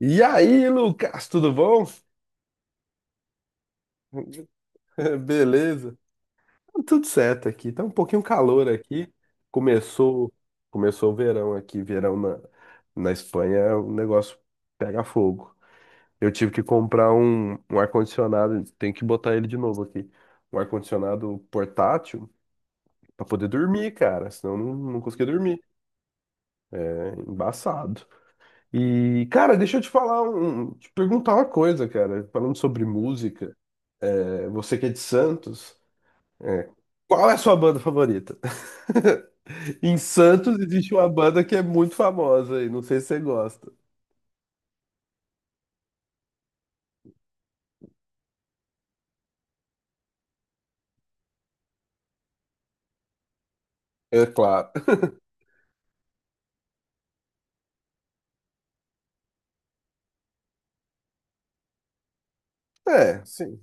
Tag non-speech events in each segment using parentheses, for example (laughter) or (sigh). E aí, Lucas, tudo bom? (laughs) Beleza. Tá tudo certo aqui. Tá um pouquinho calor aqui. Começou, começou o verão aqui. Verão na Espanha, o negócio pega fogo. Eu tive que comprar um ar-condicionado. Tem que botar ele de novo aqui. Um ar-condicionado portátil pra poder dormir, cara. Senão eu não conseguia dormir. É embaçado. E, cara, deixa eu te perguntar uma coisa, cara. Falando sobre música, é, você que é de Santos. É. Qual é a sua banda favorita? (laughs) Em Santos existe uma banda que é muito famosa aí, não sei se você gosta. É claro. (laughs) É, sim.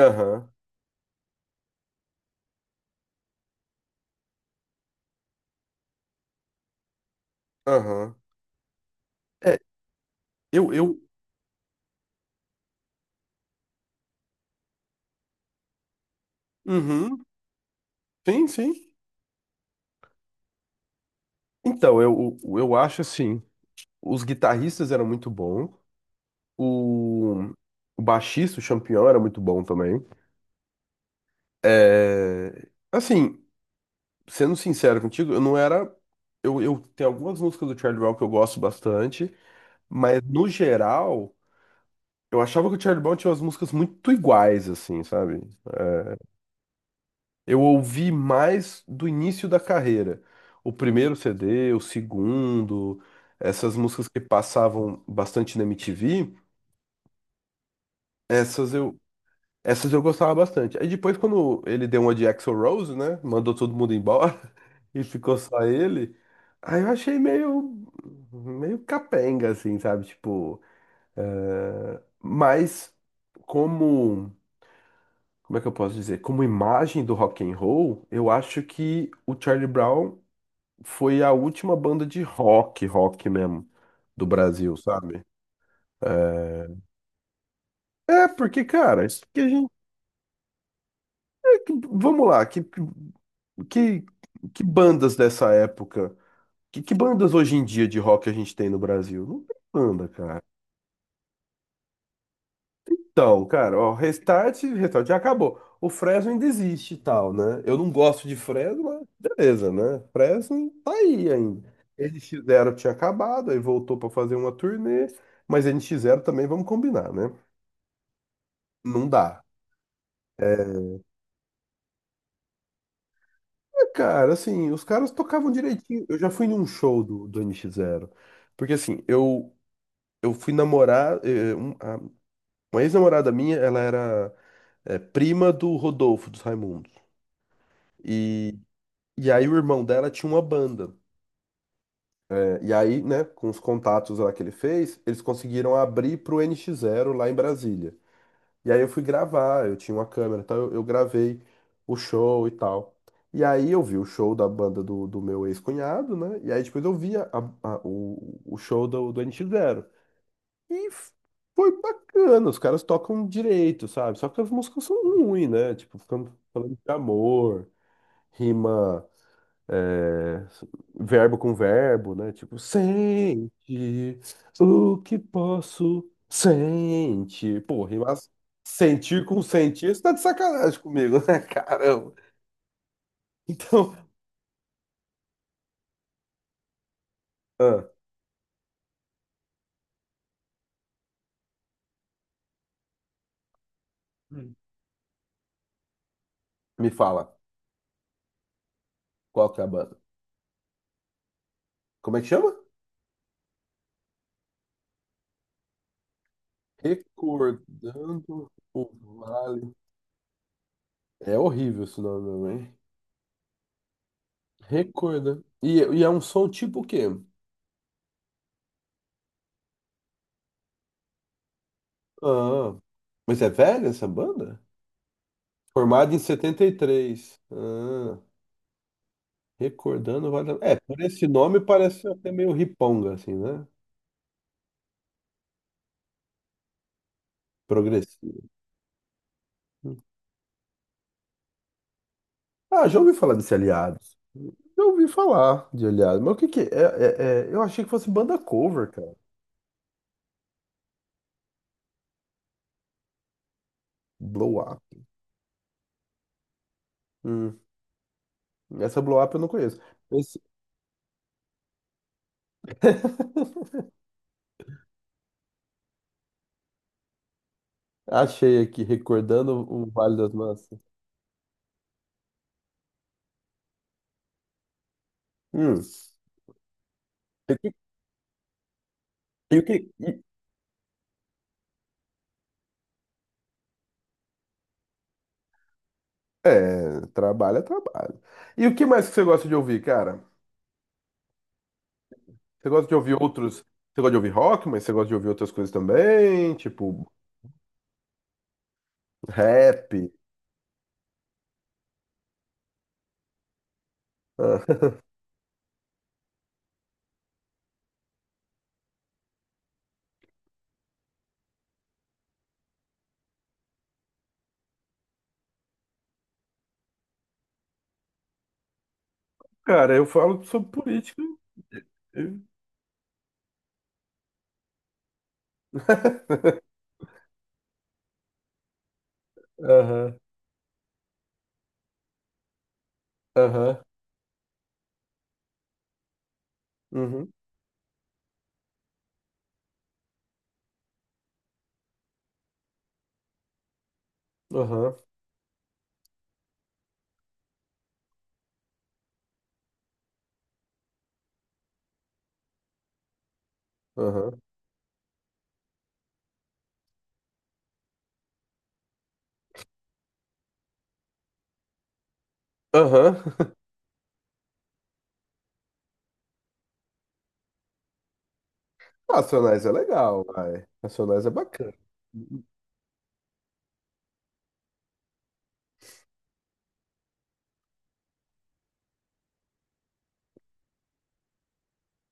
Aham, aham. É, eu, eu. Uhum. Sim, sim. Então, eu acho assim, os guitarristas eram muito bons, o, o baixista, o Champignon, era muito bom também. É, assim, sendo sincero contigo, eu não era. Eu tenho algumas músicas do Charlie Brown que eu gosto bastante. Mas no geral, eu achava que o Charlie Brown tinha umas músicas muito iguais, assim, sabe? Eu ouvi mais do início da carreira. O primeiro CD, o segundo, essas músicas que passavam bastante na MTV, essas eu, essas eu gostava bastante. Aí depois, quando ele deu uma de Axl Rose, né? Mandou todo mundo embora (laughs) e ficou só ele. Aí eu achei meio capenga, assim, sabe? Tipo, mas como. como é que eu posso dizer? Como imagem do rock and roll, eu acho que o Charlie Brown foi a última banda de rock, rock mesmo, do Brasil, sabe? É, porque, cara, isso que a gente. Vamos lá, que, que bandas dessa época? Que bandas hoje em dia de rock a gente tem no Brasil? Não tem banda, cara. Então, cara, ó, Restart, Restart já acabou. O Fresno ainda existe e tal, né? Eu não gosto de Fresno, mas beleza, né? Fresno tá aí ainda. N X Zero tinha acabado, aí voltou pra fazer uma turnê, mas N X Zero também, vamos combinar, né? Não dá. É, cara, assim, os caras tocavam direitinho. Eu já fui num show do N X Zero. Porque, assim, eu fui namorar, uma ex-namorada minha, ela era, prima do Rodolfo, dos Raimundos. E aí o irmão dela tinha uma banda. É, e aí, né, com os contatos lá que ele fez, eles conseguiram abrir pro NX Zero lá em Brasília. E aí eu fui gravar, eu tinha uma câmera, então eu gravei o show e tal. E aí eu vi o show da banda do meu ex-cunhado, né? E aí depois eu vi o show do NX Zero. E foi bacana, os caras tocam direito, sabe? Só que as músicas são ruins, né? Tipo, ficando falando de amor, rima, é, verbo com verbo, né? Tipo, sente o que posso sente. Pô, rimar sentir com sentir, isso tá de sacanagem comigo, (laughs) né? Caramba. Então, ah, me fala, qual que é a banda? Como é que chama? Recordando o Vale. É horrível esse nome, mesmo, hein? Recordando. E é um som tipo o quê? Ah, mas é velha essa banda? Formada em 73. Ah. Recordando vale. É, por esse nome parece até meio riponga, assim, né? Progressivo. Ah, já ouvi falar desse Aliados. Já ouvi falar de Aliados. Mas o que que é? Eu achei que fosse banda cover, cara. Blow Up. Hum, essa Blow Up eu não conheço. Esse- (laughs) Achei aqui, recordando o Vale das Massas. Hum. E o que... e o que- e- É, trabalho é trabalho. E o que mais que você gosta de ouvir, cara? Você gosta de ouvir outros. Você gosta de ouvir rock, mas você gosta de ouvir outras coisas também? Tipo. Rap. Ah, cara, eu falo sobre política. (laughs) eu- Aham, aham, uhum, aham, aham, aham. (laughs) Racionais é legal, vai. Racionais é bacana.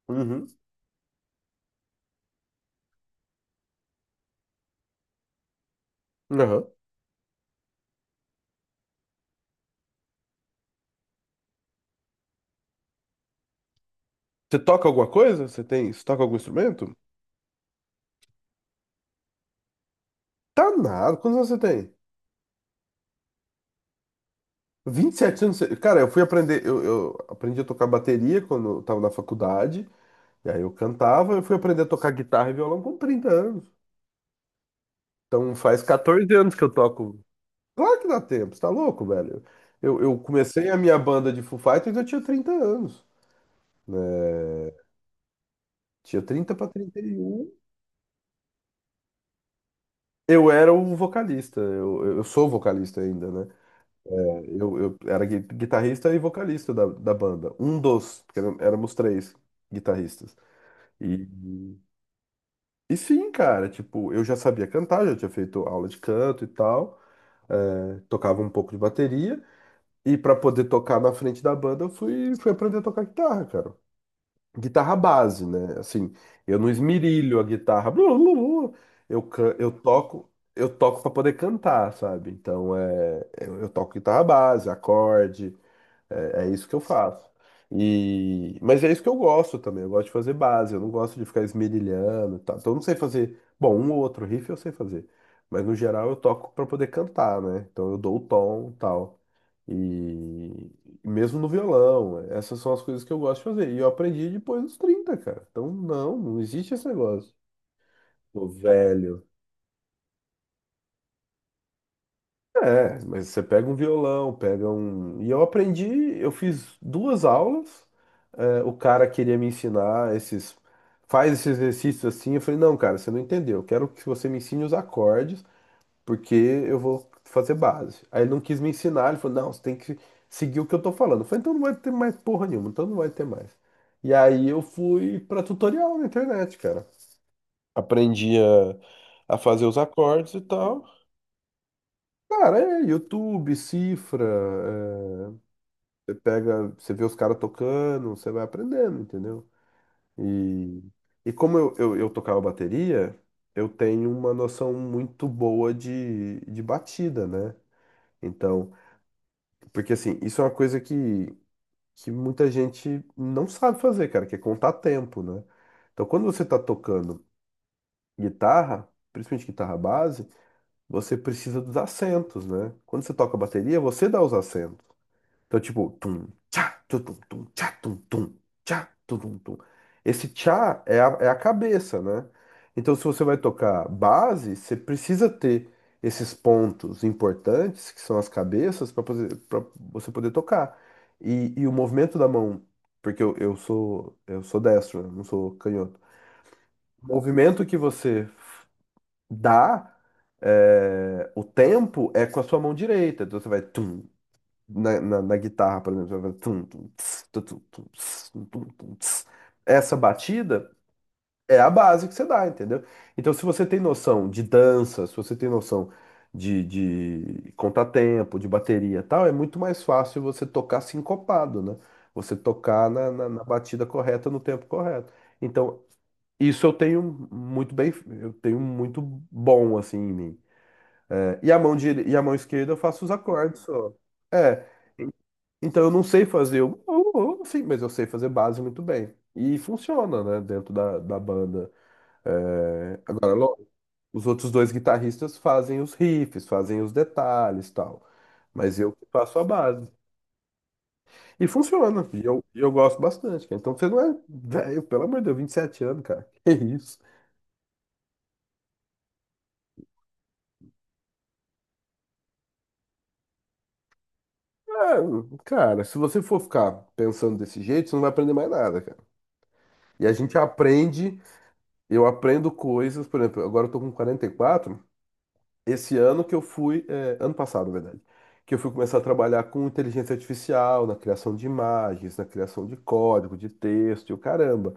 Uhum, aham. Você toca alguma coisa? Você toca algum instrumento? Tá nada. Quantos anos você tem? 27 anos. Cara, eu fui aprender, eu aprendi a tocar bateria quando eu tava na faculdade, e aí eu cantava, eu fui aprender a tocar guitarra e violão com 30 anos. Então faz 14 anos que eu toco. Claro que dá tempo, você tá louco, velho? Eu comecei a minha banda de Foo Fighters, eu tinha 30 anos, né? Tinha 30 para 31. Eu era o vocalista, eu sou vocalista ainda, né? Eu era guitarrista e vocalista da banda. Um dos, porque éramos três guitarristas. E, e sim, cara, tipo, eu já sabia cantar, já tinha feito aula de canto e tal, é, tocava um pouco de bateria. E pra poder tocar na frente da banda, eu fui aprender a tocar guitarra, cara. Guitarra base, né? Assim, eu não esmirilho a guitarra. Blu, blu, blu. Eu toco para poder cantar, sabe? Então é, eu toco guitarra base, acorde. É isso que eu faço. Mas é isso que eu gosto também. Eu gosto de fazer base. Eu não gosto de ficar esmerilhando e tal. Então eu não sei fazer. Bom, um ou outro riff eu sei fazer. Mas no geral eu toco para poder cantar, né? Então eu dou o tom e tal. E mesmo no violão. Essas são as coisas que eu gosto de fazer. E eu aprendi depois dos 30, cara. Então não existe esse negócio. Tô velho. É, mas você pega um violão, pega um. E eu aprendi, eu fiz duas aulas, é, o cara queria me ensinar esses. Faz esses exercícios assim. Eu falei, não, cara, você não entendeu. Eu quero que você me ensine os acordes, porque eu vou fazer base. Aí ele não quis me ensinar, ele falou, não, você tem que seguir o que eu tô falando. Eu falei, então não vai ter mais porra nenhuma, então não vai ter mais. E aí eu fui pra tutorial na internet, cara. Aprendi a fazer os acordes e tal. Cara, é YouTube, cifra, é, você pega, você vê os caras tocando, você vai aprendendo, entendeu? E, e como eu tocava bateria, eu tenho uma noção muito boa de batida, né? Então, porque assim, isso é uma coisa que muita gente não sabe fazer, cara, que é contar tempo, né? Então, quando você tá tocando guitarra, principalmente guitarra base, você precisa dos acentos, né? Quando você toca bateria, você dá os acentos. Então, tipo, tum, tchá, tum, tum, tum tchá, tum, tum, tchá, tum, tum, tum. Esse tchá é a, cabeça, né? Então, se você vai tocar base, você precisa ter esses pontos importantes, que são as cabeças, para você poder tocar. E o movimento da mão, porque eu sou destro, né? Não sou canhoto. O movimento que você dá, é, o tempo é com a sua mão direita. Então, você vai tum, na guitarra, por exemplo, vai tum, tum, tss, tu, tu, tum, tss, tum, tum, tum, tss. Essa batida é a base que você dá, entendeu? Então, se você tem noção de dança, se você tem noção de contratempo, de bateria e tal, é muito mais fácil você tocar sincopado, né? Você tocar na batida correta, no tempo correto. Então, isso eu tenho muito bem, eu tenho muito bom, assim, em mim. É, e a mão esquerda eu faço os acordes só. É, então eu não sei fazer, sim, mas eu sei fazer base muito bem. E funciona, né, dentro da banda. Agora, lógico, os outros dois guitarristas fazem os riffs, fazem os detalhes e tal. Mas eu que faço a base. E funciona. E eu gosto bastante, cara. Então você não é velho, pelo amor de Deus, 27 anos, cara. (laughs) Que isso? Ah, cara, se você for ficar pensando desse jeito, você não vai aprender mais nada, cara. E a gente aprende, eu aprendo coisas, por exemplo, agora eu tô com 44, esse ano que eu fui, é, ano passado, na verdade, que eu fui começar a trabalhar com inteligência artificial, na criação de imagens, na criação de código, de texto, e o caramba.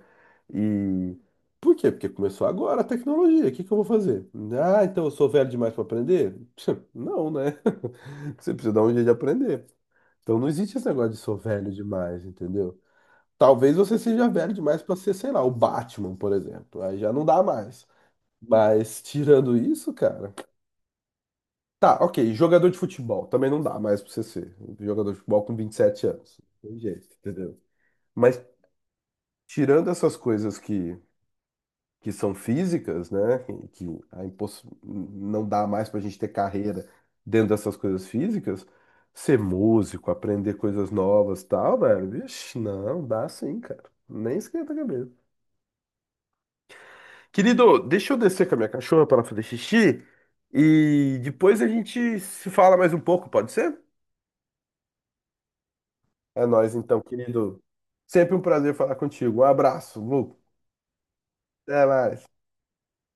E por quê? Porque começou agora a tecnologia. O que que eu vou fazer? Ah, então eu sou velho demais para aprender? (laughs) Não, né? (laughs) Você precisa dar um jeito de aprender. Então não existe esse negócio de sou velho demais, entendeu? Talvez você seja velho demais para ser, sei lá, o Batman, por exemplo. Aí já não dá mais. Mas tirando isso, cara, tá, ok. Jogador de futebol. Também não dá mais pra você ser jogador de futebol com 27 anos. Não tem jeito, entendeu? Mas tirando essas coisas que são físicas, né? Não dá mais pra gente ter carreira dentro dessas coisas físicas. Ser músico, aprender coisas novas e tal, velho. Vixe, não, dá sim, cara. Nem esquenta a cabeça. Querido, deixa eu descer com a minha cachorra para fazer xixi e depois a gente se fala mais um pouco, pode ser? É nóis, então, querido. Sempre um prazer falar contigo. Um abraço, Lu. Até mais.